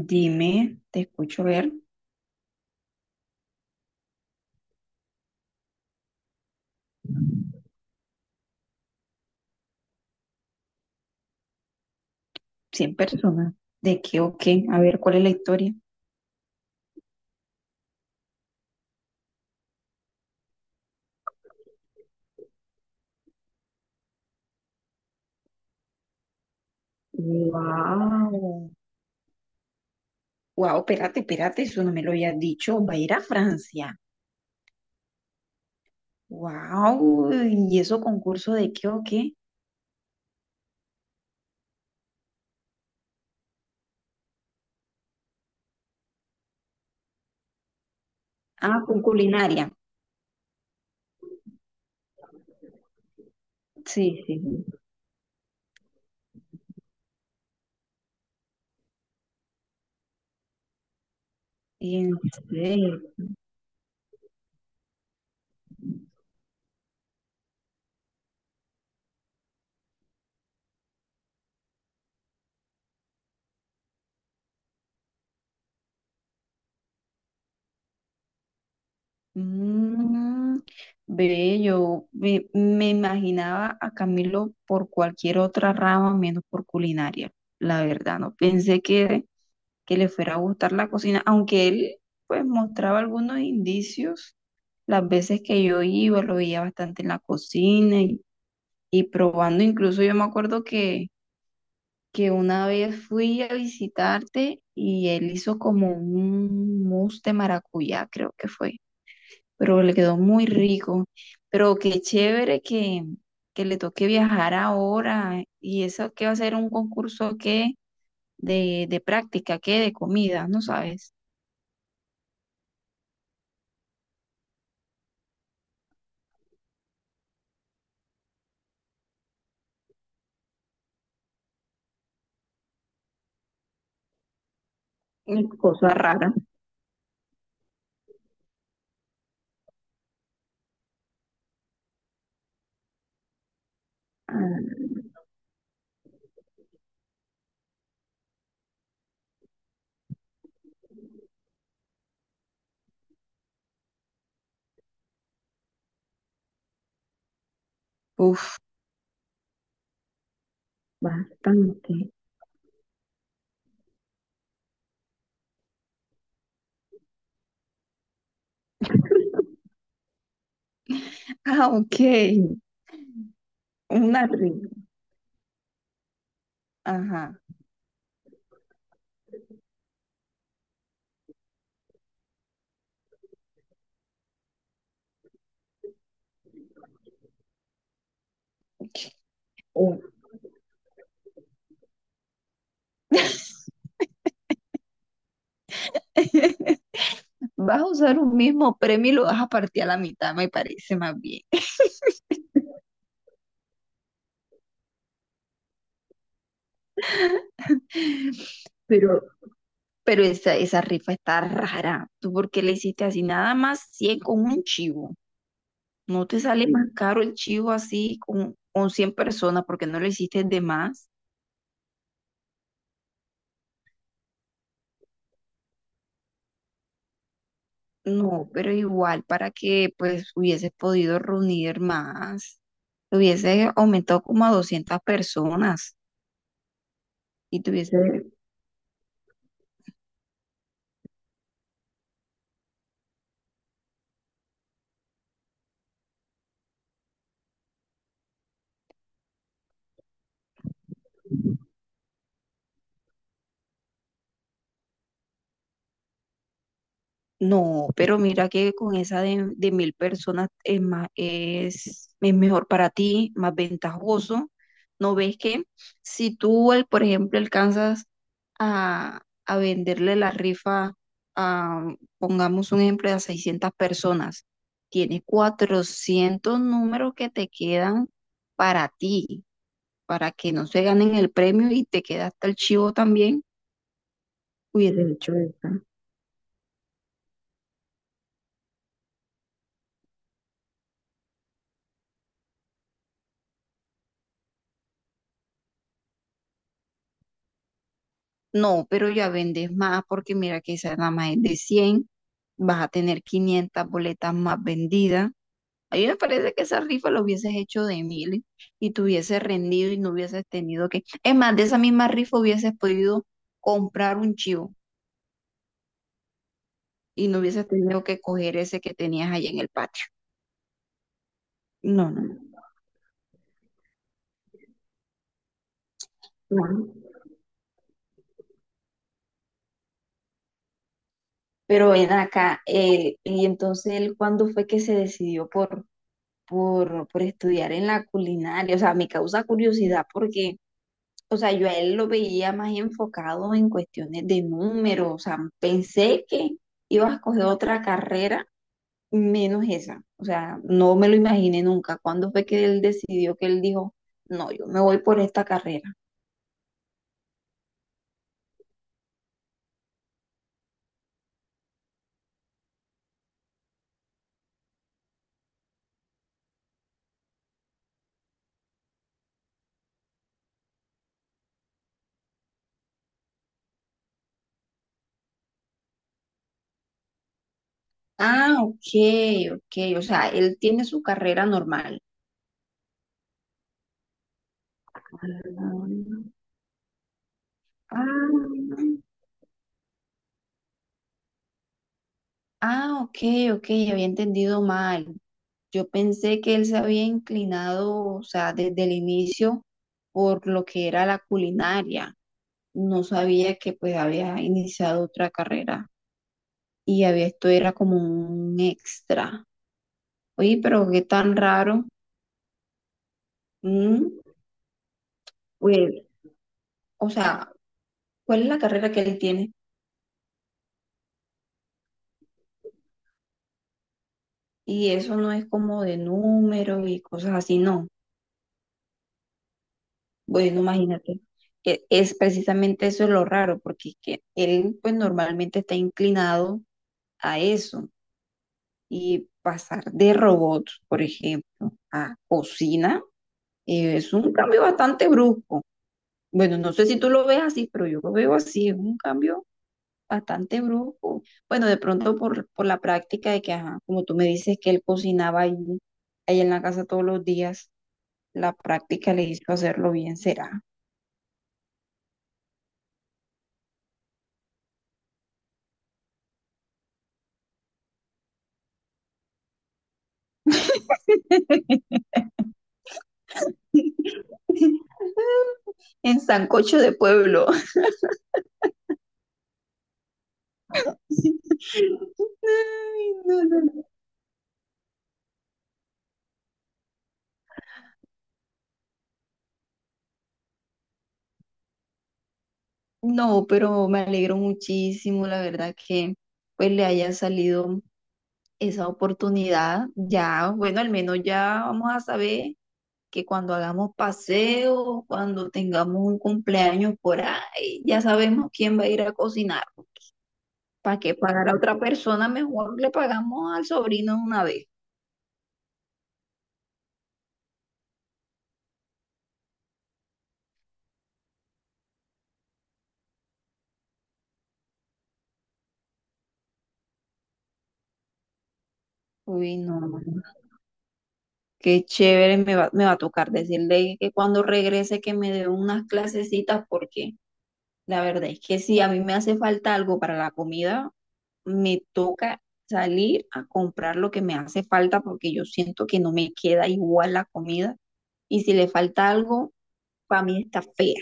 Dime, te escucho ver. 100 personas. ¿De qué o qué? A ver, ¿cuál es la historia? Wow. Wow, espérate, espérate, eso no me lo habías dicho. Va a ir a Francia. Wow. ¿Y eso concurso de qué o qué? Ah, con culinaria. Sí, sí. Sí. En serio. Mm, ve, yo me imaginaba a Camilo por cualquier otra rama menos por culinaria. La verdad, no pensé que le fuera a gustar la cocina, aunque él pues mostraba algunos indicios las veces que yo iba, lo veía bastante en la cocina y probando, incluso yo me acuerdo que una vez fui a visitarte y él hizo como un mousse de maracuyá, creo que fue, pero le quedó muy rico, pero qué chévere que le toque viajar ahora y eso que va a ser un concurso que de práctica, que de comida, ¿no sabes? Cosa rara. Ah, uf, bastante. Ah, ok. Una ri- Ajá. Ok. Oh. Vas a usar un mismo premio y lo vas a partir a la mitad, me parece más bien. Pero, pero esa rifa está rara. ¿Tú por qué le hiciste así? Nada más 100 con un chivo. ¿No te sale más caro el chivo así con 100 personas porque no lo hiciste de más? No, pero igual para que pues hubiese podido reunir más, hubiese aumentado como a 200 personas y tuviese. No, pero mira que con esa de 1000 personas es más, es mejor para ti, más ventajoso. ¿No ves que si tú, por ejemplo, alcanzas a venderle la rifa a, pongamos un ejemplo, a 600 personas, tienes 400 números que te quedan para ti, para que no se ganen el premio y te queda hasta el chivo también? Hubiese hecho eso. No, pero ya vendes más porque mira que esa nada más es de 100, vas a tener 500 boletas más vendidas. A mí me parece que esa rifa lo hubieses hecho de 1000 y te hubieses rendido y no hubieses tenido que... Es más, de esa misma rifa hubieses podido comprar un chivo y no hubieses tenido que coger ese que tenías allá en el patio. No, no, no. No. Pero ven acá, y entonces él, ¿cuándo fue que se decidió por, por estudiar en la culinaria? O sea, me causa curiosidad porque, o sea, yo a él lo veía más enfocado en cuestiones de números. O sea, pensé que iba a escoger otra carrera menos esa. O sea, no me lo imaginé nunca. ¿Cuándo fue que él decidió que él dijo, no, yo me voy por esta carrera? Ah, ok, ok, o sea, él tiene su carrera normal. Ah, ah, ah, ok, ok, había entendido mal. Yo pensé que él se había inclinado, o sea, desde el inicio por lo que era la culinaria. No sabía que pues había iniciado otra carrera y había, esto era como un extra. Oye, pero qué tan raro. Mm, pues, o sea, ¿cuál es la carrera que él tiene? Y eso no es como de números y cosas así, no. Bueno, imagínate que es precisamente eso lo raro, porque es que él pues normalmente está inclinado a eso. Y pasar de robots, por ejemplo, a cocina, es un cambio bastante brusco. Bueno, no sé si tú lo ves así, pero yo lo veo así, es un cambio bastante brusco. Bueno, de pronto por, la práctica de que, ajá, como tú me dices que él cocinaba ahí en la casa todos los días, la práctica le hizo hacerlo bien, será. En sancocho de pueblo. Ay, no, no, no. No, pero me alegro muchísimo, la verdad, que pues le haya salido esa oportunidad. Ya, bueno, al menos ya vamos a saber que cuando hagamos paseo, cuando tengamos un cumpleaños por ahí, ya sabemos quién va a ir a cocinar. ¿Para qué pagar a otra persona? Mejor le pagamos al sobrino de una vez. Uy, no, no, no, qué chévere, me va a tocar decirle que cuando regrese que me dé unas clasecitas, porque la verdad es que si a mí me hace falta algo para la comida, me toca salir a comprar lo que me hace falta porque yo siento que no me queda igual la comida, y si le falta algo, para mí está fea.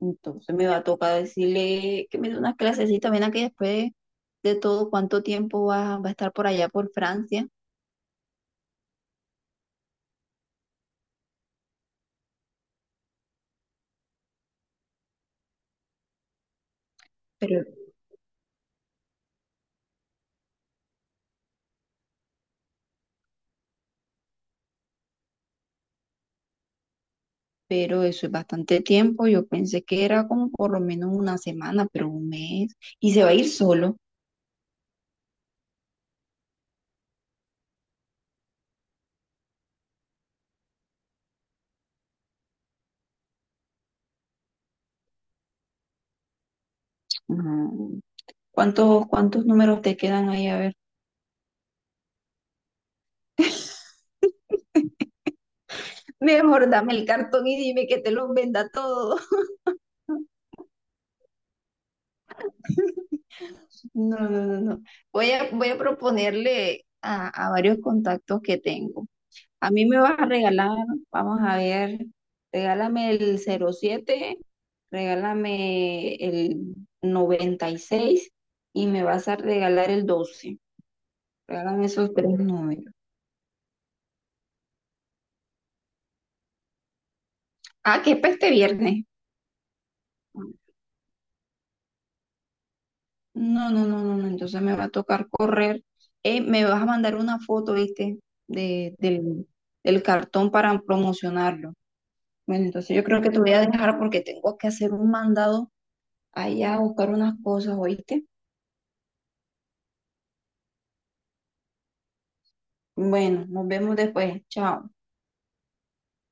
Entonces me va a tocar decirle que me dé unas clasecitas. Ven aquí, después de todo, ¿cuánto tiempo va, va a estar por allá por Francia? pero, pero eso es bastante tiempo, yo pensé que era como por lo menos una semana, pero un mes, y se va a ir solo. No. ¿Cuántos números te quedan ahí? A ver. Mejor dame el cartón y dime que te los venda todo. No, no, no, no. Voy a proponerle a varios contactos que tengo. A mí me vas a regalar, vamos a ver, regálame el 07, regálame el 96, y me vas a regalar el 12. Regálame esos tres números. Ah, que es para este viernes. No, no, no, no, no, entonces me va a tocar correr. Me vas a mandar una foto, ¿viste? De, del, Del cartón para promocionarlo. Bueno, entonces yo creo que te voy a dejar porque tengo que hacer un mandado allá a buscar unas cosas, ¿oíste? Bueno, nos vemos después. Chao.